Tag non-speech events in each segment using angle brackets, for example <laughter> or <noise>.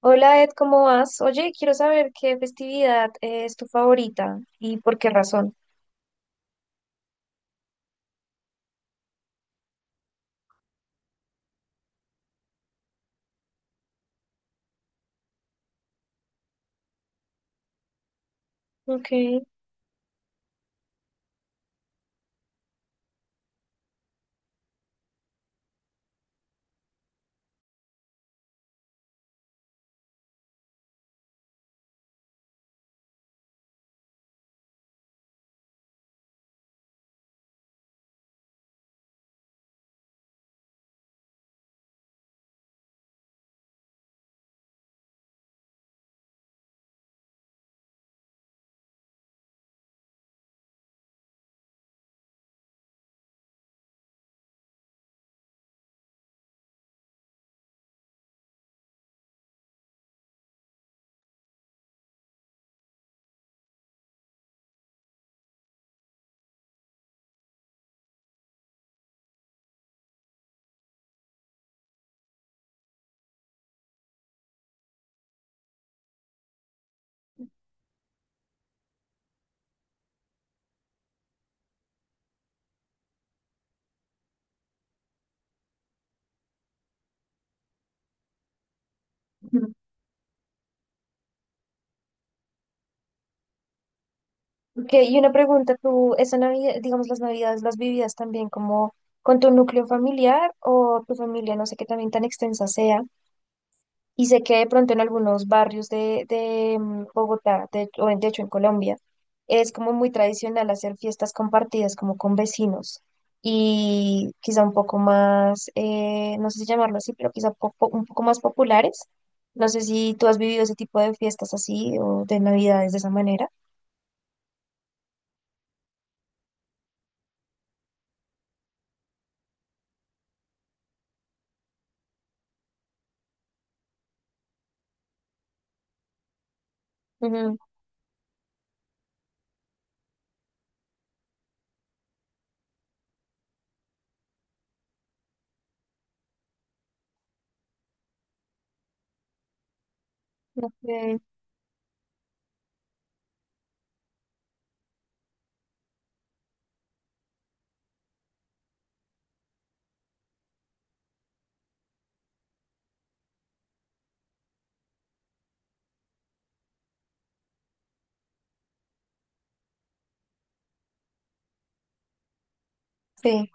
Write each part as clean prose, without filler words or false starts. Hola Ed, ¿cómo vas? Oye, quiero saber qué festividad es tu favorita y por qué razón. Ok. Ujú. Ok, y una pregunta, ¿tú esa Navidad, digamos las Navidades, las vividas también como con tu núcleo familiar o tu familia, no sé qué también tan extensa sea? Y sé que de pronto en algunos barrios de Bogotá, de, de hecho en Colombia, es como muy tradicional hacer fiestas compartidas como con vecinos y quizá un poco más, no sé si llamarlo así, pero quizá un poco más populares. No sé si tú has vivido ese tipo de fiestas así o de navidades de esa manera. Ujú, ok. Sí,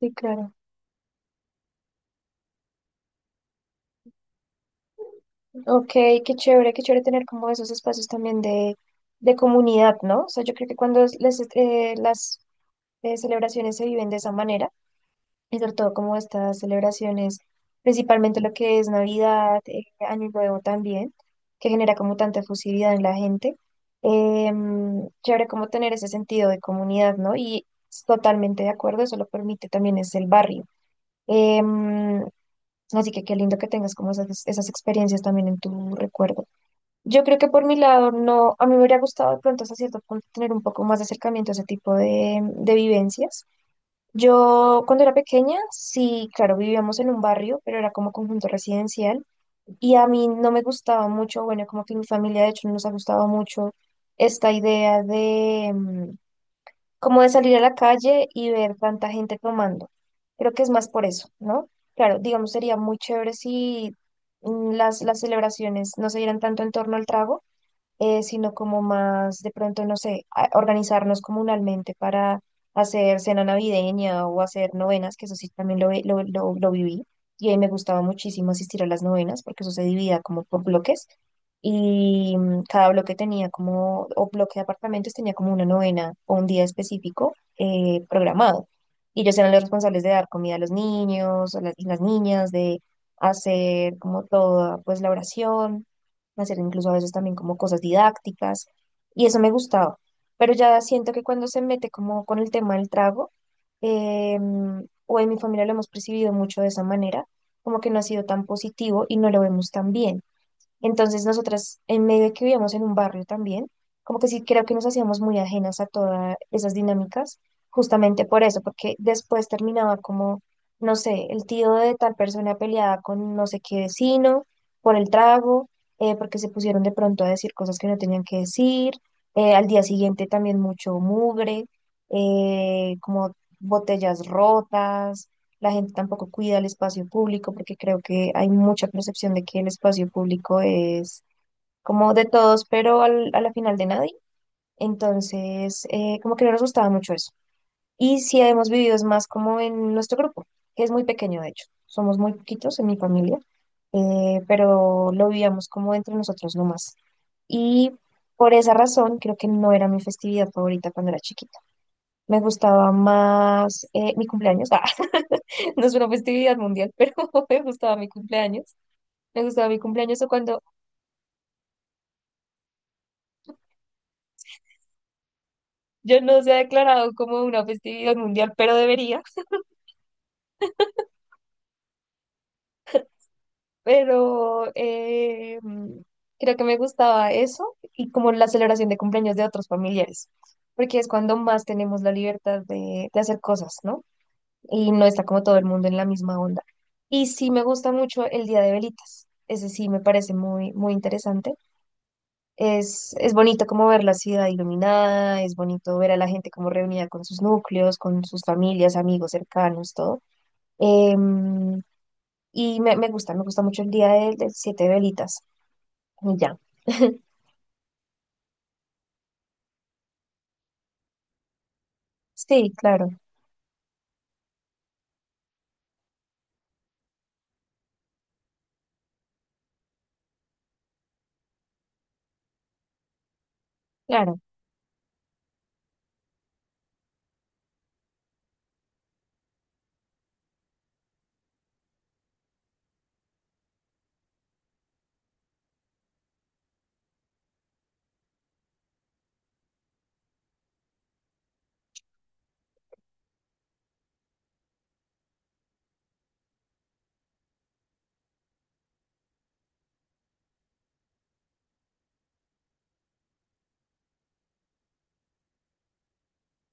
sí, claro. Ok, qué chévere tener como esos espacios también de comunidad, ¿no? O sea, yo creo que cuando las celebraciones se viven de esa manera, y sobre todo como estas celebraciones, principalmente lo que es Navidad, Año Nuevo también, que genera como tanta efusividad en la gente. Chévere como tener ese sentido de comunidad, ¿no? Y totalmente de acuerdo, eso lo permite también es el barrio. Em, Así que qué lindo que tengas como esas experiencias también en tu recuerdo. Yo creo que por mi lado, no, a mí me hubiera gustado de pronto hasta cierto punto tener un poco más de acercamiento a ese tipo de vivencias, yo cuando era pequeña, sí, claro, vivíamos en un barrio, pero era como conjunto residencial, y a mí no me gustaba mucho. Bueno, como que mi familia de hecho no nos ha gustado mucho esta idea de como de salir a la calle y ver tanta gente tomando. Creo que es más por eso, ¿no? Claro, digamos, sería muy chévere si las celebraciones no se dieran tanto en torno al trago, sino como más de pronto, no sé, organizarnos comunalmente para hacer cena navideña o hacer novenas, que eso sí también lo, vi- lo viví. Y ahí me gustaba muchísimo asistir a las novenas porque eso se dividía como por bloques, y cada bloque tenía como, o bloque de apartamentos tenía como una novena o un día específico programado. Y ellos eran los responsables de dar comida a los niños, a las, y las niñas, de hacer como toda pues la oración, hacer incluso a veces también como cosas didácticas, y eso me gustaba. Pero ya siento que cuando se mete como con el tema del trago, eh, o en mi familia lo hemos percibido mucho de esa manera, como que no ha sido tan positivo y no lo vemos tan bien. Entonces nosotras, en medio de que vivíamos en un barrio también, como que sí creo que nos hacíamos muy ajenas a todas esas dinámicas, justamente por eso, porque después terminaba como, no sé, el tío de tal persona peleada con no sé qué vecino por el trago, porque se pusieron de pronto a decir cosas que no tenían que decir, al día siguiente también mucho mugre, como botellas rotas, la gente tampoco cuida el espacio público porque creo que hay mucha percepción de que el espacio público es como de todos, pero a la final de nadie. Entonces, como que no nos gustaba mucho eso. Y sí hemos vivido es más como en nuestro grupo, que es muy pequeño de hecho. Somos muy poquitos en mi familia, pero lo vivíamos como entre nosotros nomás. Y por esa razón creo que no era mi festividad favorita cuando era chiquita. Me gustaba más mi cumpleaños. Ah, <laughs> no es una festividad mundial, pero <laughs> me gustaba mi cumpleaños. Me gustaba mi cumpleaños o cuando yo no se ha declarado como una festividad mundial, pero debería. Pero creo que me gustaba eso y como la celebración de cumpleaños de otros familiares, porque es cuando más tenemos la libertad de hacer cosas, ¿no? Y no está como todo el mundo en la misma onda. Y sí me gusta mucho el Día de Velitas. Ese sí me parece muy, muy interesante. Es bonito como ver la ciudad iluminada, es bonito ver a la gente como reunida con sus núcleos, con sus familias, amigos cercanos, todo. Em, y me, me gusta mucho el día del, del siete velitas. Y ya. <laughs> Sí, claro, claro.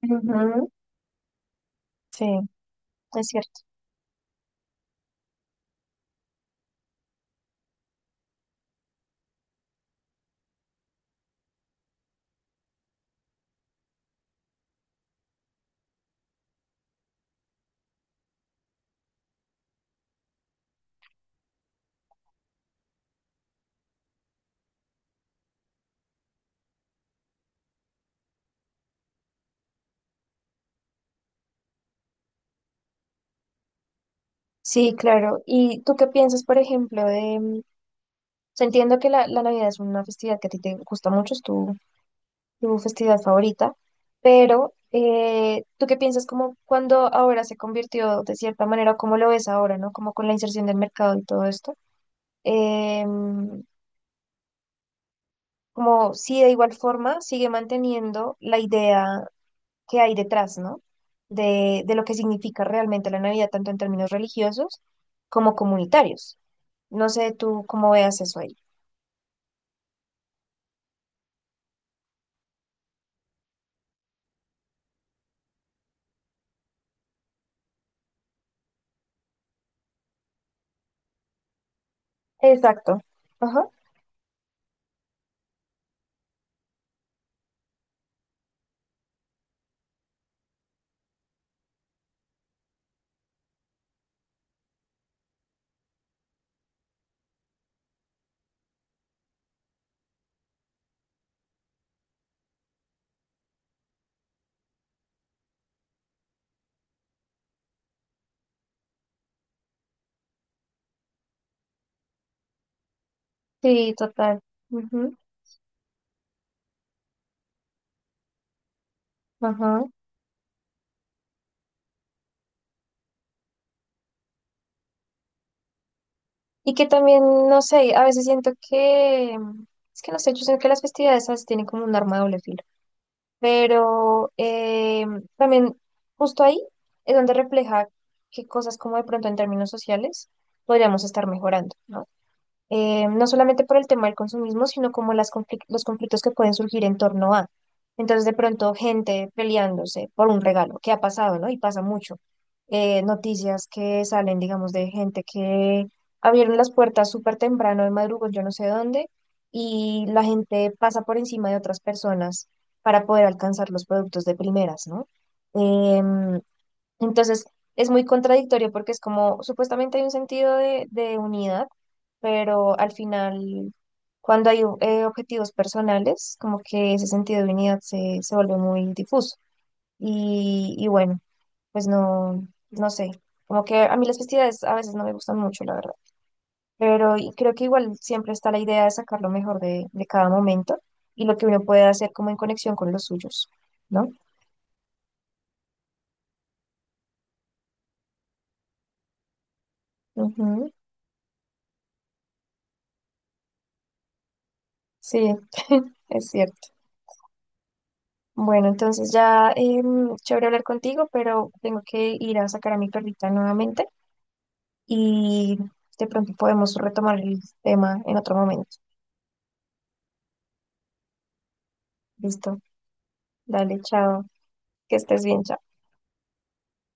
Ujú. Sí, es cierto. Sí, claro. ¿Y tú qué piensas, por ejemplo, de... o sea, entiendo que la, la Navidad es una festividad que a ti te gusta mucho, es tu tu festividad favorita, pero ¿tú qué piensas como cuando ahora se convirtió de cierta manera, o cómo lo ves ahora, ¿no? Como con la inserción del mercado y todo esto, em, como si de igual forma sigue manteniendo la idea que hay detrás, ¿no? De lo que significa realmente la Navidad, tanto en términos religiosos como comunitarios. No sé tú cómo veas eso ahí. Exacto. Ajá. Sí, total. Ujú. Ajá. Y que también, no sé, a veces siento que, es que no sé, yo siento que las festividades a veces tienen como un arma de doble filo, pero también justo ahí es donde refleja qué cosas como de pronto en términos sociales podríamos estar mejorando, ¿no? No solamente por el tema del consumismo, sino como las los conflictos que pueden surgir en torno a. Entonces, de pronto, gente peleándose por un regalo, que ha pasado, ¿no? Y pasa mucho. Noticias que salen, digamos, de gente que abrieron las puertas súper temprano, de madrugón, yo no sé dónde, y la gente pasa por encima de otras personas para poder alcanzar los productos de primeras, ¿no? Em, entonces, es muy contradictorio porque es como, supuestamente hay un sentido de unidad, pero al final, cuando hay objetivos personales, como que ese sentido de unidad se, se vuelve muy difuso. Y bueno, pues no, no sé, como que a mí las festividades a veces no me gustan mucho, la verdad. Pero y creo que igual siempre está la idea de sacar lo mejor de cada momento y lo que uno puede hacer como en conexión con los suyos, ¿no? Ujú. Sí, <laughs> es cierto. Bueno, entonces ya chévere hablar contigo, pero tengo que ir a sacar a mi perrita nuevamente y de pronto podemos retomar el tema en otro momento. Listo, dale, chao, que estés bien.